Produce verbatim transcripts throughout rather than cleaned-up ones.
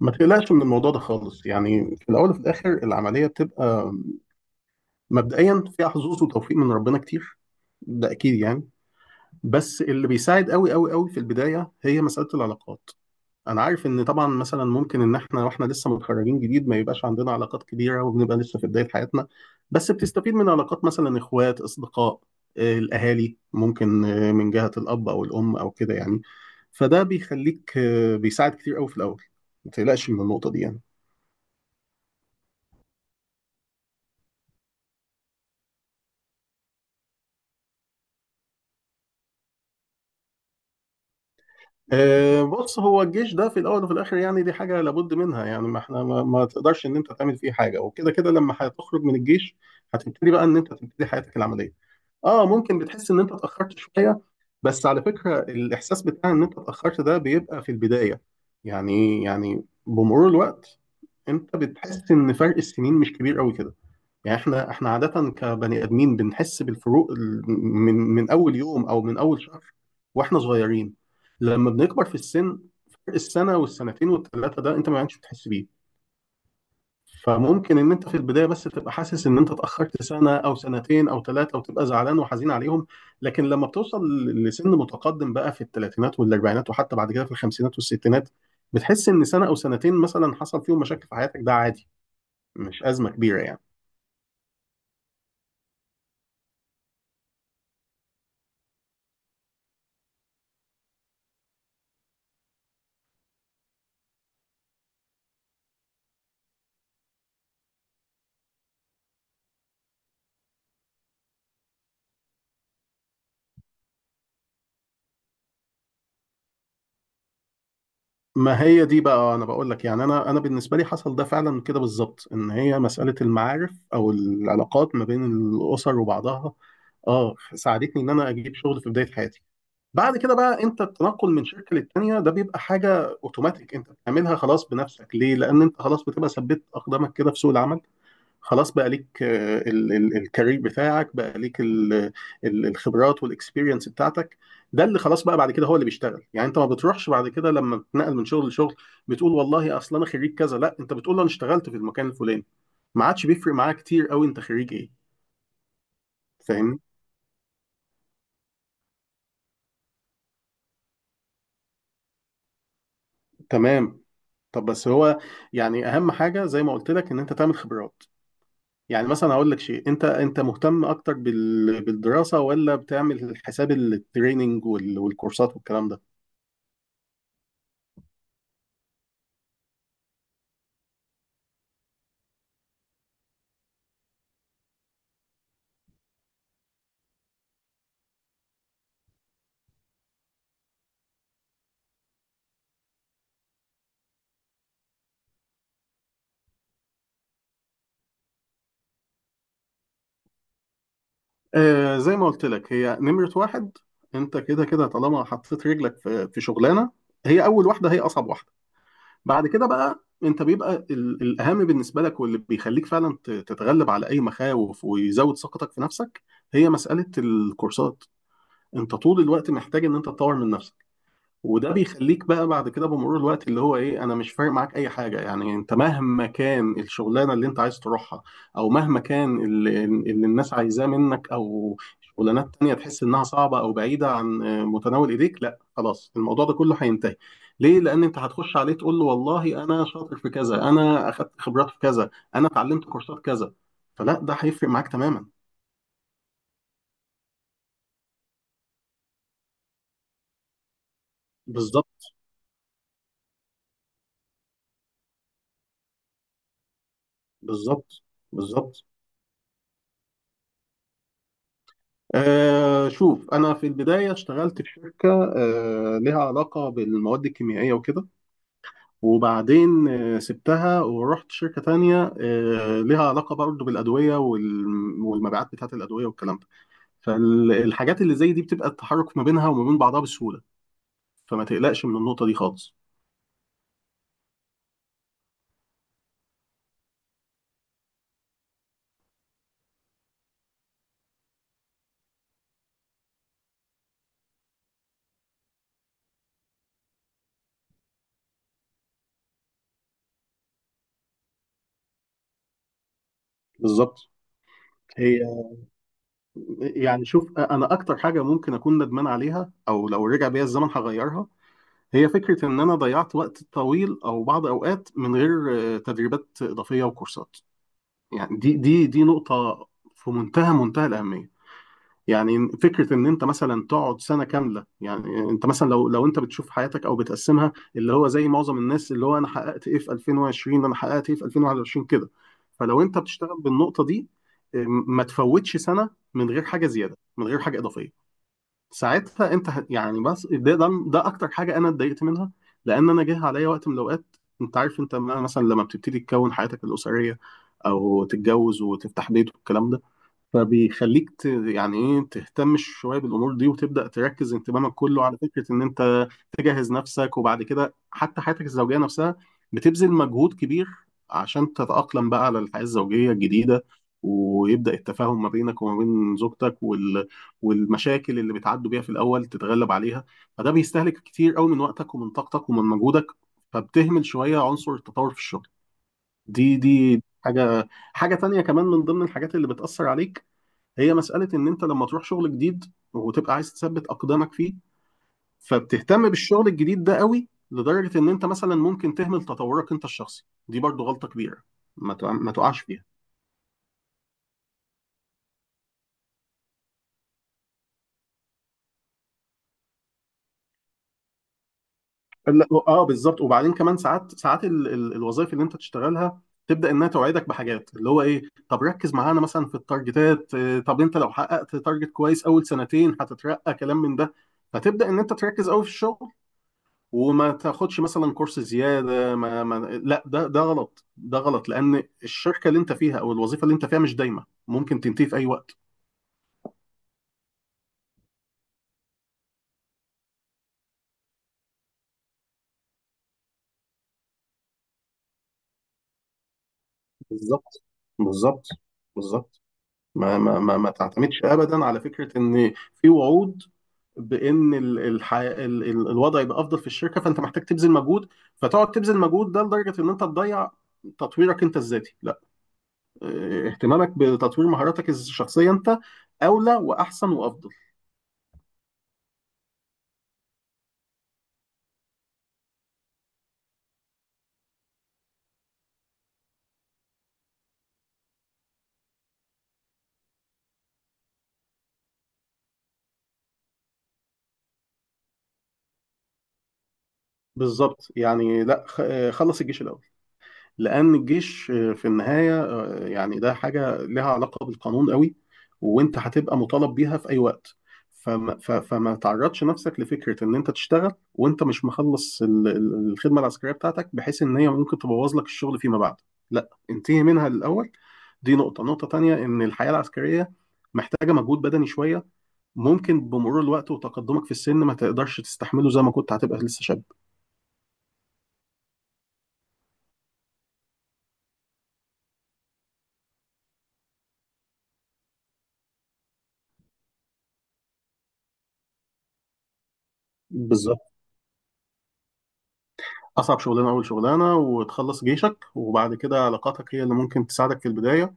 ما تقلقش من الموضوع ده خالص، يعني في الاول وفي الاخر العمليه بتبقى مبدئيا فيها حظوظ وتوفيق من ربنا كتير، ده اكيد يعني. بس اللي بيساعد قوي قوي قوي في البدايه هي مساله العلاقات. انا عارف ان طبعا مثلا ممكن ان احنا واحنا لسه متخرجين جديد ما يبقاش عندنا علاقات كبيره وبنبقى لسه في بدايه حياتنا، بس بتستفيد من علاقات مثلا اخوات، اصدقاء، آه، الاهالي، ممكن آه، من جهه الاب او الام او كده يعني. فده بيخليك آه، بيساعد كتير قوي في الاول. ما تقلقش من النقطه دي يعني. آه، بص، هو الجيش ده في الاول وفي الاخر يعني دي حاجه لابد منها، يعني ما احنا ما, ما تقدرش ان انت تعمل فيه حاجه، وكده كده لما هتخرج من الجيش هتبتدي بقى ان انت تبتدي حياتك العمليه. اه ممكن بتحس ان انت اتاخرت شويه، بس على فكره الاحساس بتاع ان انت اتاخرت ده بيبقى في البدايه. يعني يعني بمرور الوقت انت بتحس ان فرق السنين مش كبير قوي كده. يعني احنا احنا عادة كبني ادمين بنحس بالفروق ال- من من اول يوم او من اول شهر واحنا صغيرين. لما بنكبر في السن فرق السنة والسنتين والثلاثة ده انت ما عادش بتحس بيه. فممكن ان انت في البداية بس تبقى حاسس ان انت اتأخرت سنة او سنتين او ثلاثة وتبقى زعلان وحزين عليهم، لكن لما بتوصل ل- لسن متقدم بقى في الثلاثينات والاربعينات وحتى بعد كده في الخمسينات والستينات بتحس ان سنة او سنتين مثلا حصل فيهم مشاكل في حياتك ده عادي، مش أزمة كبيرة يعني. ما هي دي بقى، آه، انا بقول لك يعني انا انا بالنسبه لي حصل ده فعلا كده بالظبط، ان هي مساله المعارف او العلاقات ما بين الاسر وبعضها اه ساعدتني ان انا اجيب شغل في بدايه حياتي. بعد كده بقى انت التنقل من شركه للتانيه ده بيبقى حاجه اوتوماتيك انت بتعملها خلاص بنفسك، ليه؟ لان انت خلاص بتبقى ثبت اقدامك كده في سوق العمل. خلاص بقى ليك آه، ال- ال- الكارير بتاعك، بقى ليك ال- ال- الخبرات والاكسبيرينس بتاعتك. ده اللي خلاص بقى بعد كده هو اللي بيشتغل، يعني انت ما بتروحش بعد كده لما بتنقل من شغل لشغل بتقول والله اصل انا خريج كذا، لا، انت بتقول انا اشتغلت في المكان الفلاني. ما عادش بيفرق معاه كتير قوي انت خريج ايه. فاهمني؟ تمام. طب بس هو يعني اهم حاجه زي ما قلت لك ان انت تعمل خبرات. يعني مثلا هقول لك شيء، انت انت مهتم اكتر بال- بالدراسه ولا بتعمل حساب التريننج وال- والكورسات والكلام ده؟ آه زي ما قلت لك، هي نمرة واحد، انت كده كده طالما حطيت رجلك في في شغلانة، هي أول واحدة هي أصعب واحدة. بعد كده بقى انت بيبقى ال- الأهم بالنسبة لك واللي بيخليك فعلا ت- تتغلب على أي مخاوف ويزود ثقتك في نفسك هي مسألة الكورسات. انت طول الوقت محتاج ان انت تطور من نفسك، وده بيخليك بقى بعد كده بمرور الوقت اللي هو ايه، انا مش فارق معاك اي حاجه يعني، انت مهما كان الشغلانه اللي انت عايز تروحها او مهما كان اللي, اللي الناس عايزاه منك او شغلانات تانية تحس انها صعبه او بعيده عن آه، متناول ايديك، لا، خلاص الموضوع ده كله هينتهي. ليه؟ لان انت هتخش عليه تقول له والله انا شاطر في كذا، انا اخدت خبرات في كذا، انا اتعلمت كورسات كذا. فلا، ده هيفرق معاك تماما. بالظبط. بالظبط. بالظبط. آه شوف، أنا في البداية اشتغلت في شركة آه لها علاقة بالمواد الكيميائية وكده، وبعدين آه سبتها ورحت شركة تانية آه لها علاقة برضه بالأدوية وال- والمبيعات بتاعة الأدوية والكلام ده. فالحاجات اللي زي دي بتبقى التحرك ما بينها وما بين بعضها بسهولة، فما تقلقش من النقطة دي خالص. بالظبط. هي يعني شوف، أنا أكتر حاجة ممكن أكون ندمان عليها أو لو رجع بيا الزمن هغيرها هي فكرة إن أنا ضيعت وقت طويل أو بعض أوقات من غير آه، تدريبات إضافية وكورسات. يعني دي دي دي نقطة في منتهى منتهى الأهمية. يعني فكرة إن أنت مثلا تقعد سنة كاملة، يعني أنت مثلا لو لو أنت بتشوف حياتك أو بتقسمها اللي هو زي معظم الناس اللي هو أنا حققت إيه في ألفين وعشرين، أنا حققت إيه في ألفين وواحد وعشرين كده. فلو أنت بتشتغل بالنقطة دي آه، ما تفوتش سنة من غير حاجة زيادة من غير حاجة إضافية. ساعتها انت هت- يعني بس ده ده, ده اكتر حاجه انا اتضايقت منها. لان انا جه عليا وقت من الاوقات، انت عارف، انت ما- مثلا لما بتبتدي تكون حياتك الاسريه او تتجوز وتفتح بيت والكلام ده فبيخليك ت... يعني ايه تهتم شويه بالامور دي وتبدا تركز انتباهك كله على فكره ان انت تجهز نفسك، وبعد كده حتى حياتك الزوجيه نفسها بتبذل مجهود كبير عشان تتاقلم بقى على الحياه الزوجيه الجديده، ويبدا التفاهم ما بينك وما بين زوجتك وال... والمشاكل اللي بتعدوا بيها في الاول تتغلب عليها، فده بيستهلك كتير قوي من وقتك ومن طاقتك ومن مجهودك، فبتهمل شويه عنصر التطور في الشغل. دي دي حاجه. حاجه تانية كمان من ضمن الحاجات اللي بتاثر عليك هي مسألة إن أنت لما تروح شغل جديد وتبقى عايز تثبت أقدامك فيه فبتهتم بالشغل الجديد ده قوي لدرجة إن أنت مثلا ممكن تهمل تطورك أنت الشخصي. دي برضو غلطة كبيرة ما تقع- ما تقعش فيها. لا، اه، بالظبط. وبعدين كمان ساعات ساعات ال- ال- الوظائف اللي انت تشتغلها تبدا انها توعدك بحاجات، اللي هو ايه، طب ركز معانا مثلا في التارجتات، آه، طب انت لو حققت تارجت كويس اول سنتين هتترقى، كلام من ده. فتبدا ان انت تركز قوي في الشغل وما تاخدش مثلا كورس زياده، ما, ما لا، ده ده غلط، ده غلط، لان الشركه اللي انت فيها او الوظيفه اللي انت فيها مش دايمه، ممكن تنتهي في اي وقت. بالظبط. بالظبط. بالظبط. ما ما ما, ما تعتمدش ابدا على فكره ان في وعود بان ال- الح... ال... ال... الوضع يبقى افضل في الشركه، فانت محتاج تبذل مجهود، فتقعد تبذل مجهود ده لدرجه ان انت تضيع تطويرك انت الذاتي. لا، اه، اهتمامك بتطوير مهاراتك الشخصيه انت اولى واحسن وافضل. بالظبط يعني. لا، خ- آه، خلص الجيش الاول، لان الجيش آه، في النهايه آه، يعني ده حاجه لها علاقه بالقانون قوي، وانت هتبقى مطالب بيها في اي وقت. فما, ف- فما تعرضش نفسك لفكره ان انت تشتغل وانت مش مخلص ال- ال- الخدمه العسكريه بتاعتك بحيث ان هي ممكن تبوظ لك الشغل فيما بعد، لا، انتهي منها الاول. دي نقطه نقطه تانية ان الحياه العسكريه محتاجه مجهود بدني شويه ممكن بمرور الوقت وتقدمك في السن ما تقدرش تستحمله زي ما كنت هتبقى لسه شاب. بالظبط. أصعب شغلانة أول شغلانة، وتخلص جيشك، وبعد كده علاقاتك هي اللي ممكن تساعدك في البداية،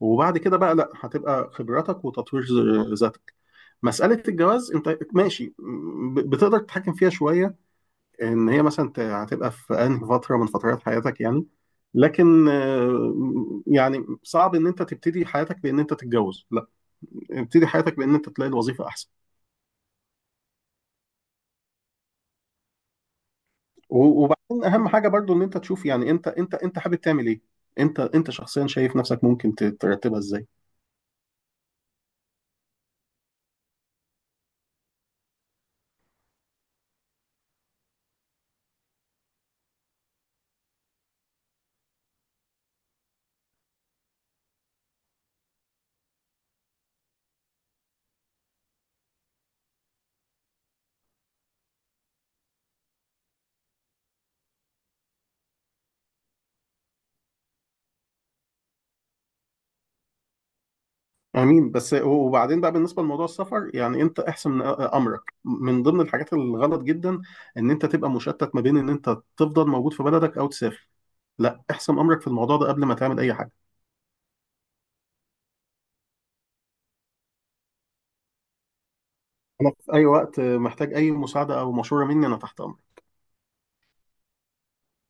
وبعد كده بقى لأ هتبقى خبراتك وتطوير ز- ذاتك. مسألة الجواز أنت ماشي، ب- بتقدر تتحكم فيها شوية، إن هي مثلا ت- هتبقى في أنهي فترة من فترات حياتك يعني. لكن آه، يعني صعب ان انت تبتدي حياتك بان انت تتجوز، لا، ابتدي حياتك بان انت تلاقي الوظيفه احسن. و- وبعدين اهم حاجه برضو ان انت تشوف، يعني انت انت انت حابب تعمل ايه، انت انت شخصيا شايف نفسك ممكن ت- ترتبها ازاي. امين. بس وبعدين بقى بالنسبه لموضوع السفر، يعني انت احسم امرك. من ضمن الحاجات الغلط جدا ان انت تبقى مشتت ما بين ان انت تفضل موجود في بلدك او تسافر، لا، احسم امرك في الموضوع ده قبل ما تعمل اي حاجه. انا في اي وقت محتاج اي مساعده او مشوره مني انا تحت امرك.